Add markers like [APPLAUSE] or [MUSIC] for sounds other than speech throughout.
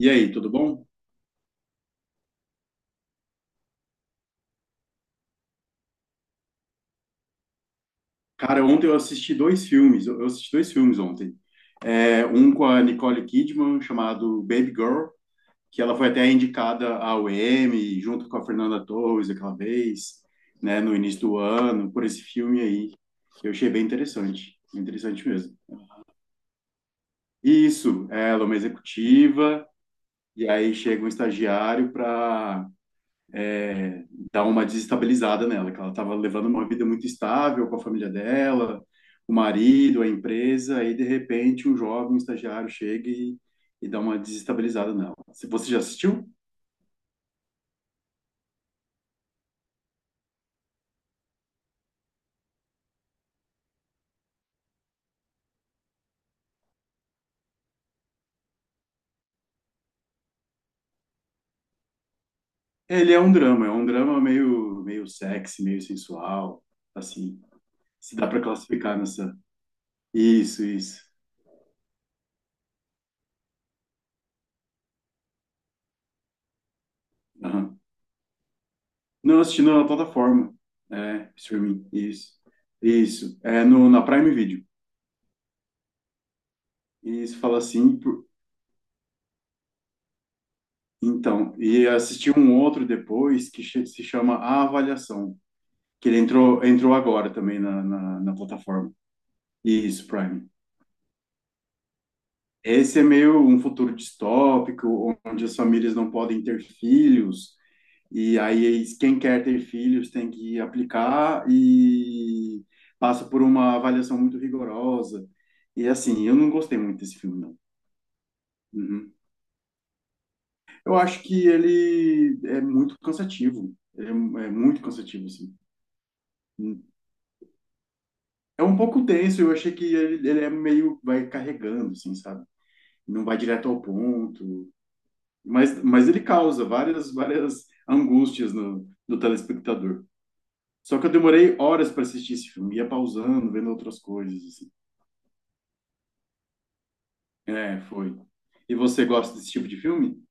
E aí, tudo bom? Cara, ontem eu assisti dois filmes. Eu assisti dois filmes ontem. Um com a Nicole Kidman, chamado Baby Girl, que ela foi até indicada ao Emmy, junto com a Fernanda Torres aquela vez, né, no início do ano, por esse filme aí. Eu achei bem interessante mesmo. E isso, ela é uma executiva, e aí chega um estagiário para é, dar uma desestabilizada nela, que ela estava levando uma vida muito estável com a família dela, o marido, a empresa, aí de repente um jovem um estagiário chega e dá uma desestabilizada nela. Se você já assistiu? Ele é um drama meio sexy, meio sensual, assim, se dá para classificar nessa. Isso, isso. Aham. Não, assistindo na plataforma, é, streaming, isso. Isso, é no, na Prime Video. Isso, fala assim. Então, e assisti um outro depois se chama A Avaliação, que ele entrou agora também na plataforma. Isso, Prime. Esse é meio um futuro distópico, onde as famílias não podem ter filhos, e aí quem quer ter filhos tem que aplicar e passa por uma avaliação muito rigorosa. E assim, eu não gostei muito desse filme, não. Uhum. Eu acho que ele é muito cansativo. É muito cansativo, assim. É um pouco denso, eu achei que ele é meio, vai carregando, assim, sabe? Não vai direto ao ponto, mas ele causa várias, várias angústias no telespectador. Só que eu demorei horas para assistir esse filme, ia pausando, vendo outras coisas, assim. É, foi. E você gosta desse tipo de filme?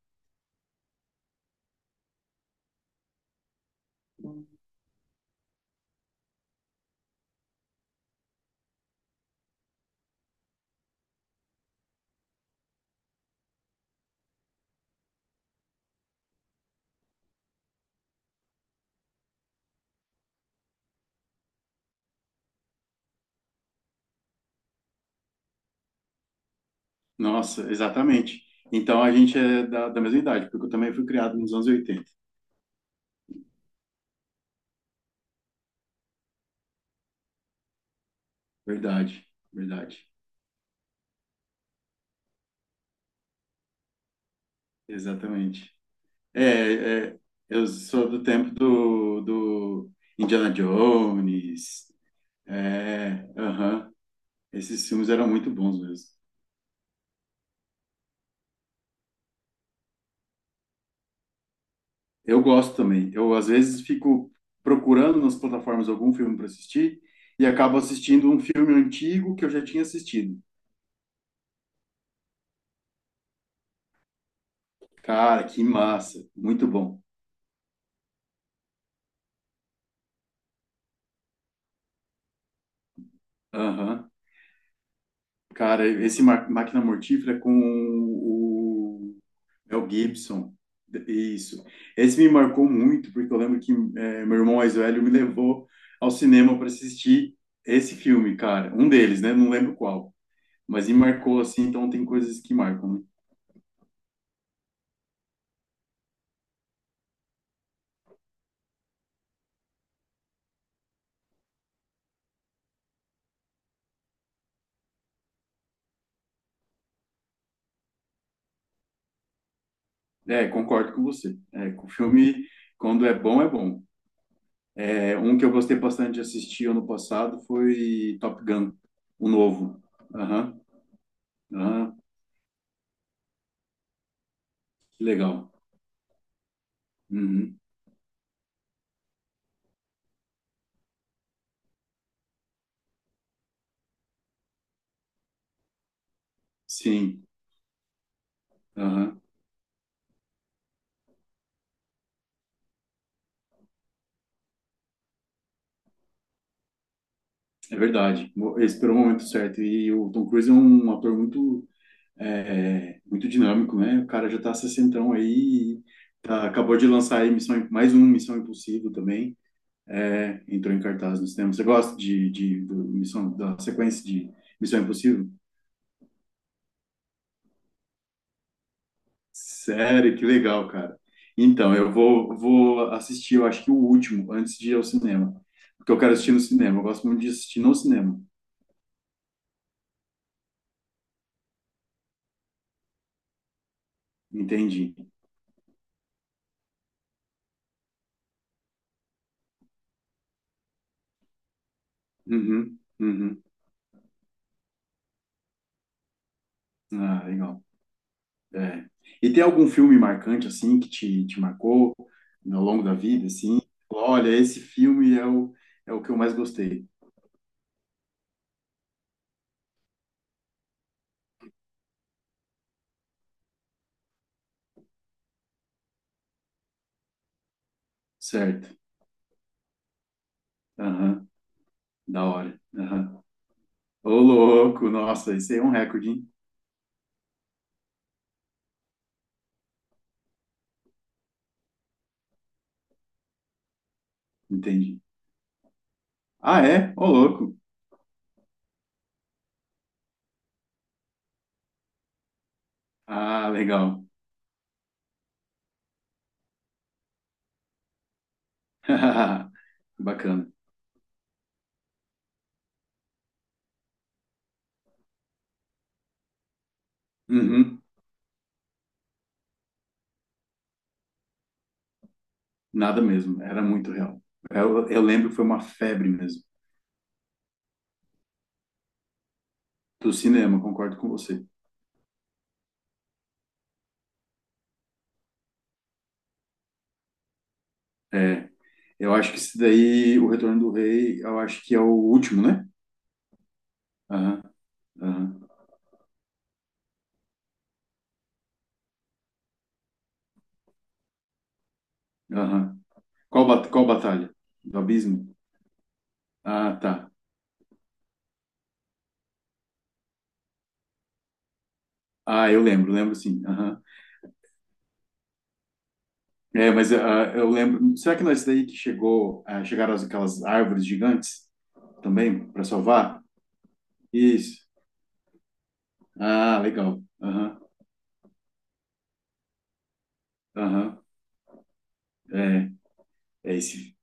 Nossa, exatamente. Então a gente é da mesma idade, porque eu também fui criado nos anos oitenta. Verdade, verdade. Exatamente. É, é, eu sou do tempo do Indiana Jones. É, aham. Esses filmes eram muito bons mesmo. Eu gosto também. Eu, às vezes, fico procurando nas plataformas algum filme para assistir e acabo assistindo um filme antigo que eu já tinha assistido. Cara, que massa. Muito bom. Aham. Cara, esse Máquina Mortífera com o Mel Gibson, isso. Esse me marcou muito, porque eu lembro que meu irmão mais velho me levou ao cinema para assistir esse filme, cara. Um deles, né? Não lembro qual. Mas me marcou assim, então tem coisas que marcam, né? É, concordo com você. É, o filme, quando é bom, é bom. É, um que eu gostei bastante de assistir ano passado foi Top Gun, o novo. Aham, aham, que legal. Uhum, sim, aham. É verdade. Esperou o momento certo. E o Tom Cruise é um ator muito, é, muito dinâmico, né? O cara já tá sessentão aí, tá, acabou de lançar aí Missão, mais um Missão Impossível também. É, entrou em cartaz no cinema. Você gosta do Missão, da sequência de Missão Impossível? Sério, que legal, cara. Então, eu vou assistir, eu acho que o último, antes de ir ao cinema. Porque eu quero assistir no cinema. Eu gosto muito de assistir no cinema. Entendi. Uhum, uhum. Ah, legal. É. E tem algum filme marcante, assim, que te marcou ao longo da vida, assim? Olha, esse filme é é o que eu mais gostei. Certo. Aham. Da hora. Aham. Ô, louco. Nossa, esse aí é um recorde, hein? Entendi. Ah, é? Ô, louco. Ah, legal. [LAUGHS] Bacana. Uhum. Nada mesmo. Era muito real. Eu lembro que foi uma febre mesmo. Do cinema, concordo com você. É. Eu acho que esse daí, O Retorno do Rei, eu acho que é o último, né? Aham, aham, aham. Qual, qual batalha? Do abismo? Ah, tá. Ah, eu lembro, lembro sim. Aham. É, mas ah, eu lembro. Será que não é isso daí que chegou, ah, aquelas árvores gigantes também para salvar? Isso. Ah, legal. Aham, aham. É, é esse.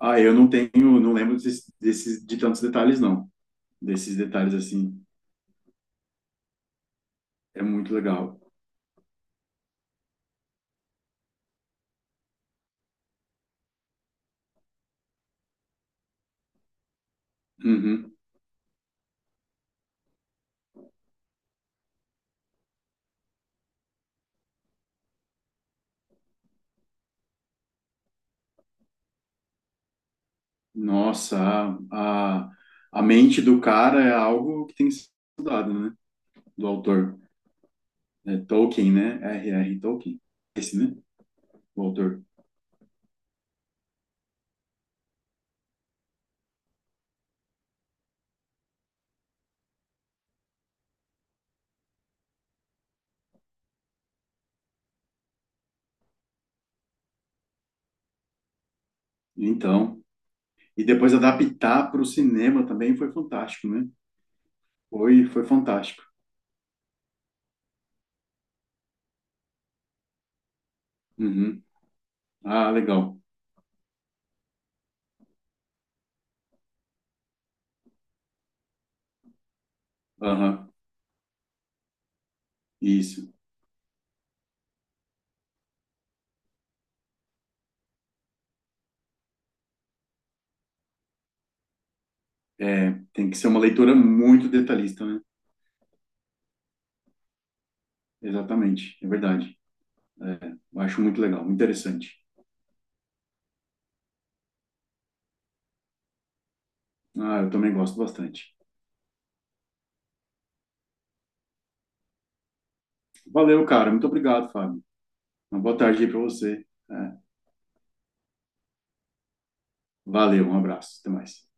Ah, eu não tenho, não lembro desses, desses, de tantos detalhes, não. Desses detalhes assim. É muito legal. Uhum. Nossa, a, a, a mente do cara é algo que tem que ser estudado, né? Do autor, né? Tolkien, né? R.R. Tolkien, esse, né? O autor. Então, e depois adaptar para o cinema também foi fantástico, né? Foi, foi fantástico. Uhum. Ah, legal. Aham, isso. É, tem que ser uma leitura muito detalhista, né? Exatamente, é verdade. É, eu acho muito legal, muito interessante. Ah, eu também gosto bastante. Valeu, cara. Muito obrigado, Fábio. Uma boa tarde aí para você. É, valeu, um abraço. Até mais.